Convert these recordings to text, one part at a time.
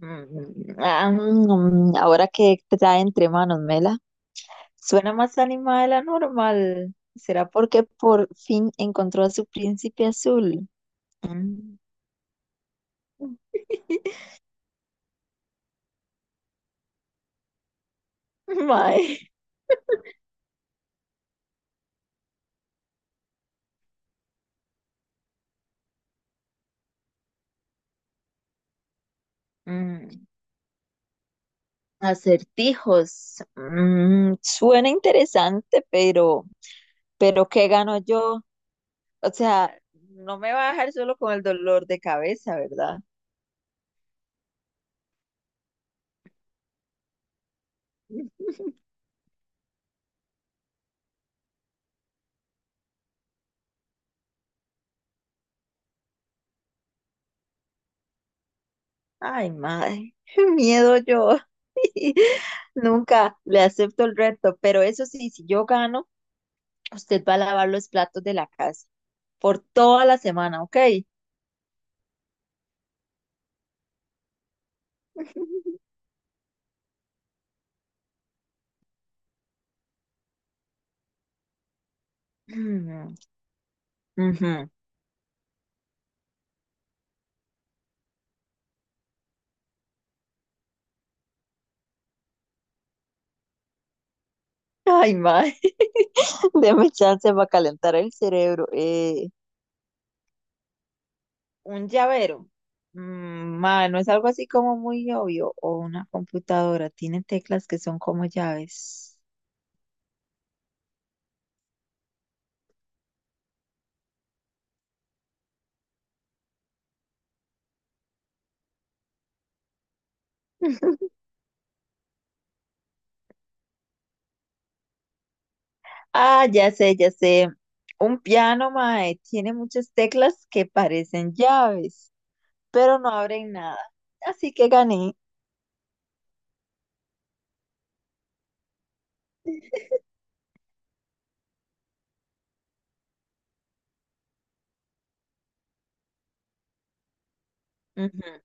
Ahora que trae entre manos, Mela, suena más animada de la normal. ¿Será porque por fin encontró a su príncipe azul? Mm. Mae. Mm, Acertijos. Suena interesante, pero ¿qué gano yo? O sea, no me va a dejar solo con el dolor de cabeza, ¿verdad? Ay, madre, qué miedo yo. Nunca le acepto el reto, pero eso sí, si yo gano, usted va a lavar los platos de la casa por toda la semana, ¿ok? Mm, ujú. Ay, madre, déme chance para calentar el cerebro. Un llavero. Madre, no es algo así como muy obvio. O una computadora, tiene teclas que son como llaves. Ah, ya sé, ya sé. Un piano, mae, tiene muchas teclas que parecen llaves, pero no abren nada. Así que gané. Ujú.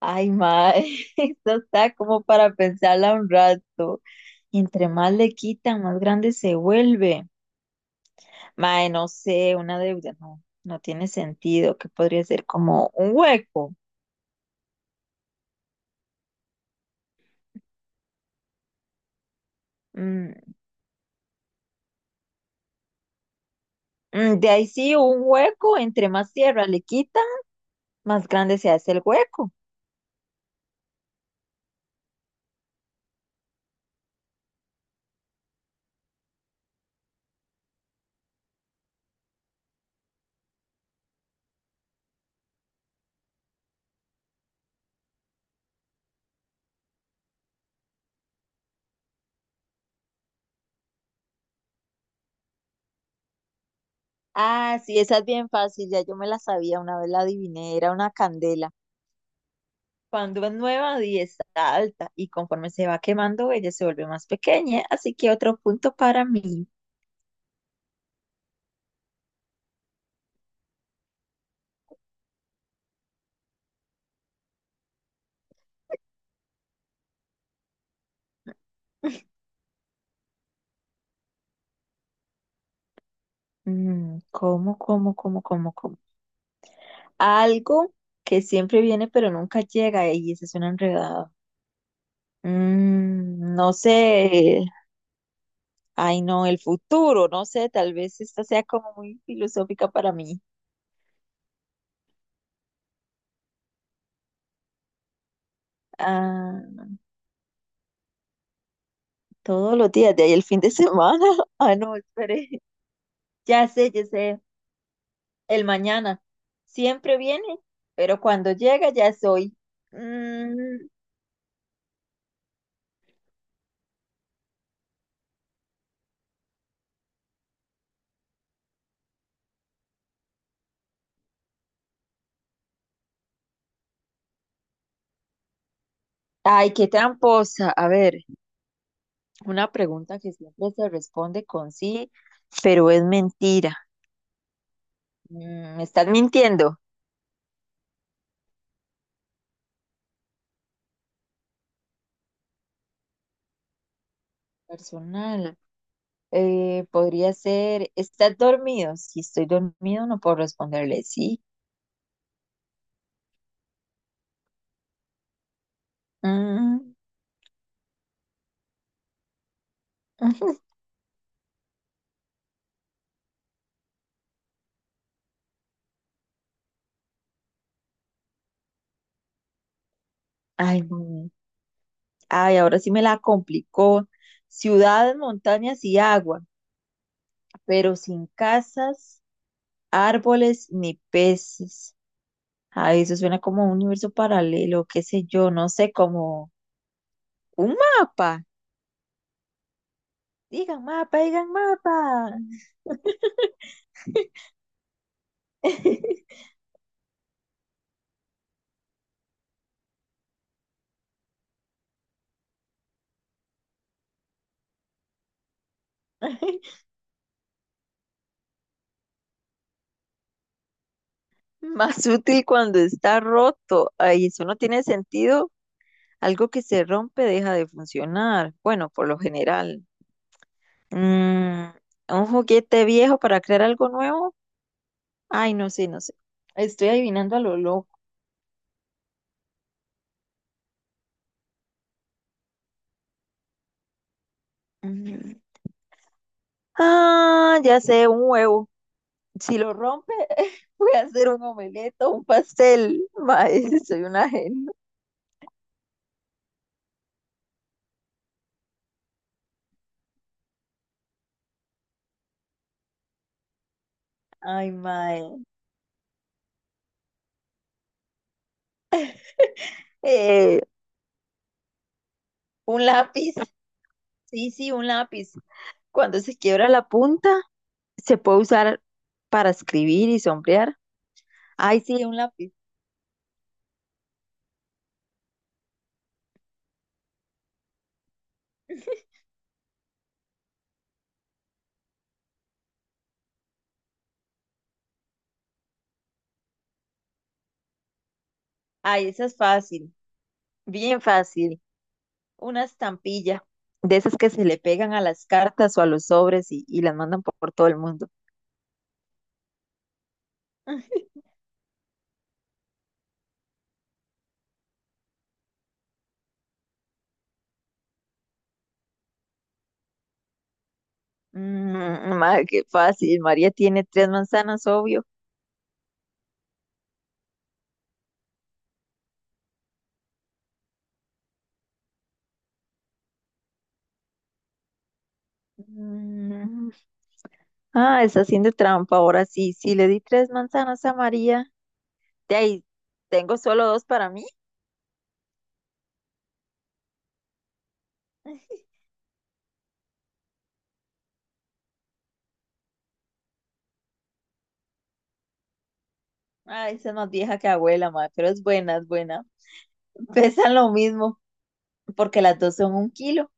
Ay, mae, esto está como para pensarla un rato. Entre más le quitan, más grande se vuelve. Mae, no sé, una deuda no, no tiene sentido, que podría ser como un hueco. Mm, de ahí sí, un hueco, entre más tierra le quitan, más grande se hace el hueco. Ah, sí, esa es bien fácil, ya yo me la sabía, una vez la adiviné, era una candela. Cuando es nueva y está alta, y conforme se va quemando, ella se vuelve más pequeña, así que otro punto para mí. ¿Cómo, cómo, cómo, cómo, cómo? Algo que siempre viene pero nunca llega, y ese es un enredado. No sé, ay, no, el futuro, no sé, tal vez esta sea como muy filosófica para mí. Ah. Todos los días, de ahí el fin de semana. Ah, no, espere. Ya sé, ya sé. El mañana. Siempre viene, pero cuando llega ya es hoy. Mm, Ay, qué tramposa. A ver, una pregunta que siempre se responde con sí, pero es mentira. ¿Me estás mintiendo? Personal. Podría ser, ¿estás dormido? Si estoy dormido, no puedo responderle sí. Mm, ujú. Ay, no. Ay, ahora sí me la complicó. Ciudades, montañas y agua, pero sin casas, árboles ni peces. Ay, eso suena como un universo paralelo, qué sé yo, no sé, como un mapa. Digan mapa, digan mapa. Más útil cuando está roto. Ay, eso no tiene sentido. Algo que se rompe deja de funcionar. Bueno, por lo general. Mm, un juguete viejo para crear algo nuevo. Ay, no sé, no sé. Estoy adivinando a lo loco. Mm. Ah, ya sé, un huevo. Si lo rompe, voy a hacer un omelette o un pastel. Mae, soy una genia. Ay, mae. Eh, un lápiz. Sí, sí, un lápiz. Cuando se quiebra la punta, se puede usar para escribir y sombrear. Ay, sí, un lápiz. Ay, esa es fácil. Bien fácil. Una estampilla. De esas que se le pegan a las cartas o a los sobres y las mandan por todo el mundo. Ma, qué fácil. María tiene tres manzanas, obvio. Mm, ah, está haciendo trampa. Ahora sí, sí le di tres manzanas a María. De ahí, tengo solo dos para mí. Ah, esa es más vieja que abuela, ma, pero es buena, es buena. Pesan lo mismo, porque las dos son un kilo.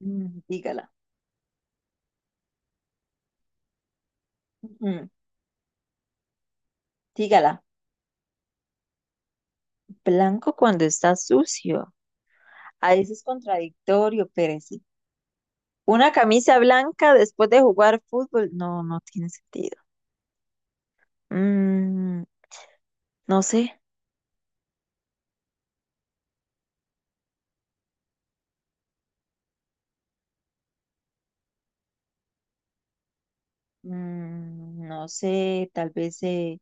Dígala. Mm, dígala. Blanco cuando está sucio. A veces es contradictorio, Pérez. Una camisa blanca después de jugar fútbol. No, no tiene sentido. Mm, no sé, no sé, tal vez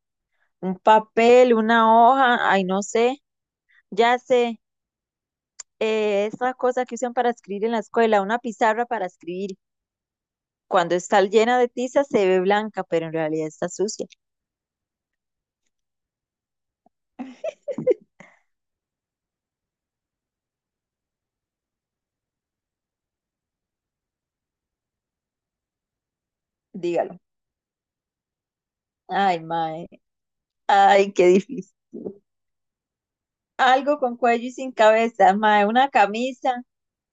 un papel, una hoja, ay, no sé, ya sé, esa cosa que usan para escribir en la escuela, una pizarra para escribir. Cuando está llena de tiza se ve blanca, pero en realidad está sucia. Dígalo. Ay, mae, ay, qué difícil. Algo con cuello y sin cabeza, mae, una camisa.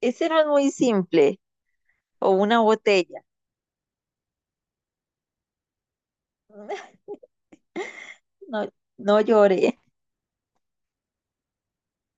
Ese no es muy simple. O una botella. No, no lloré.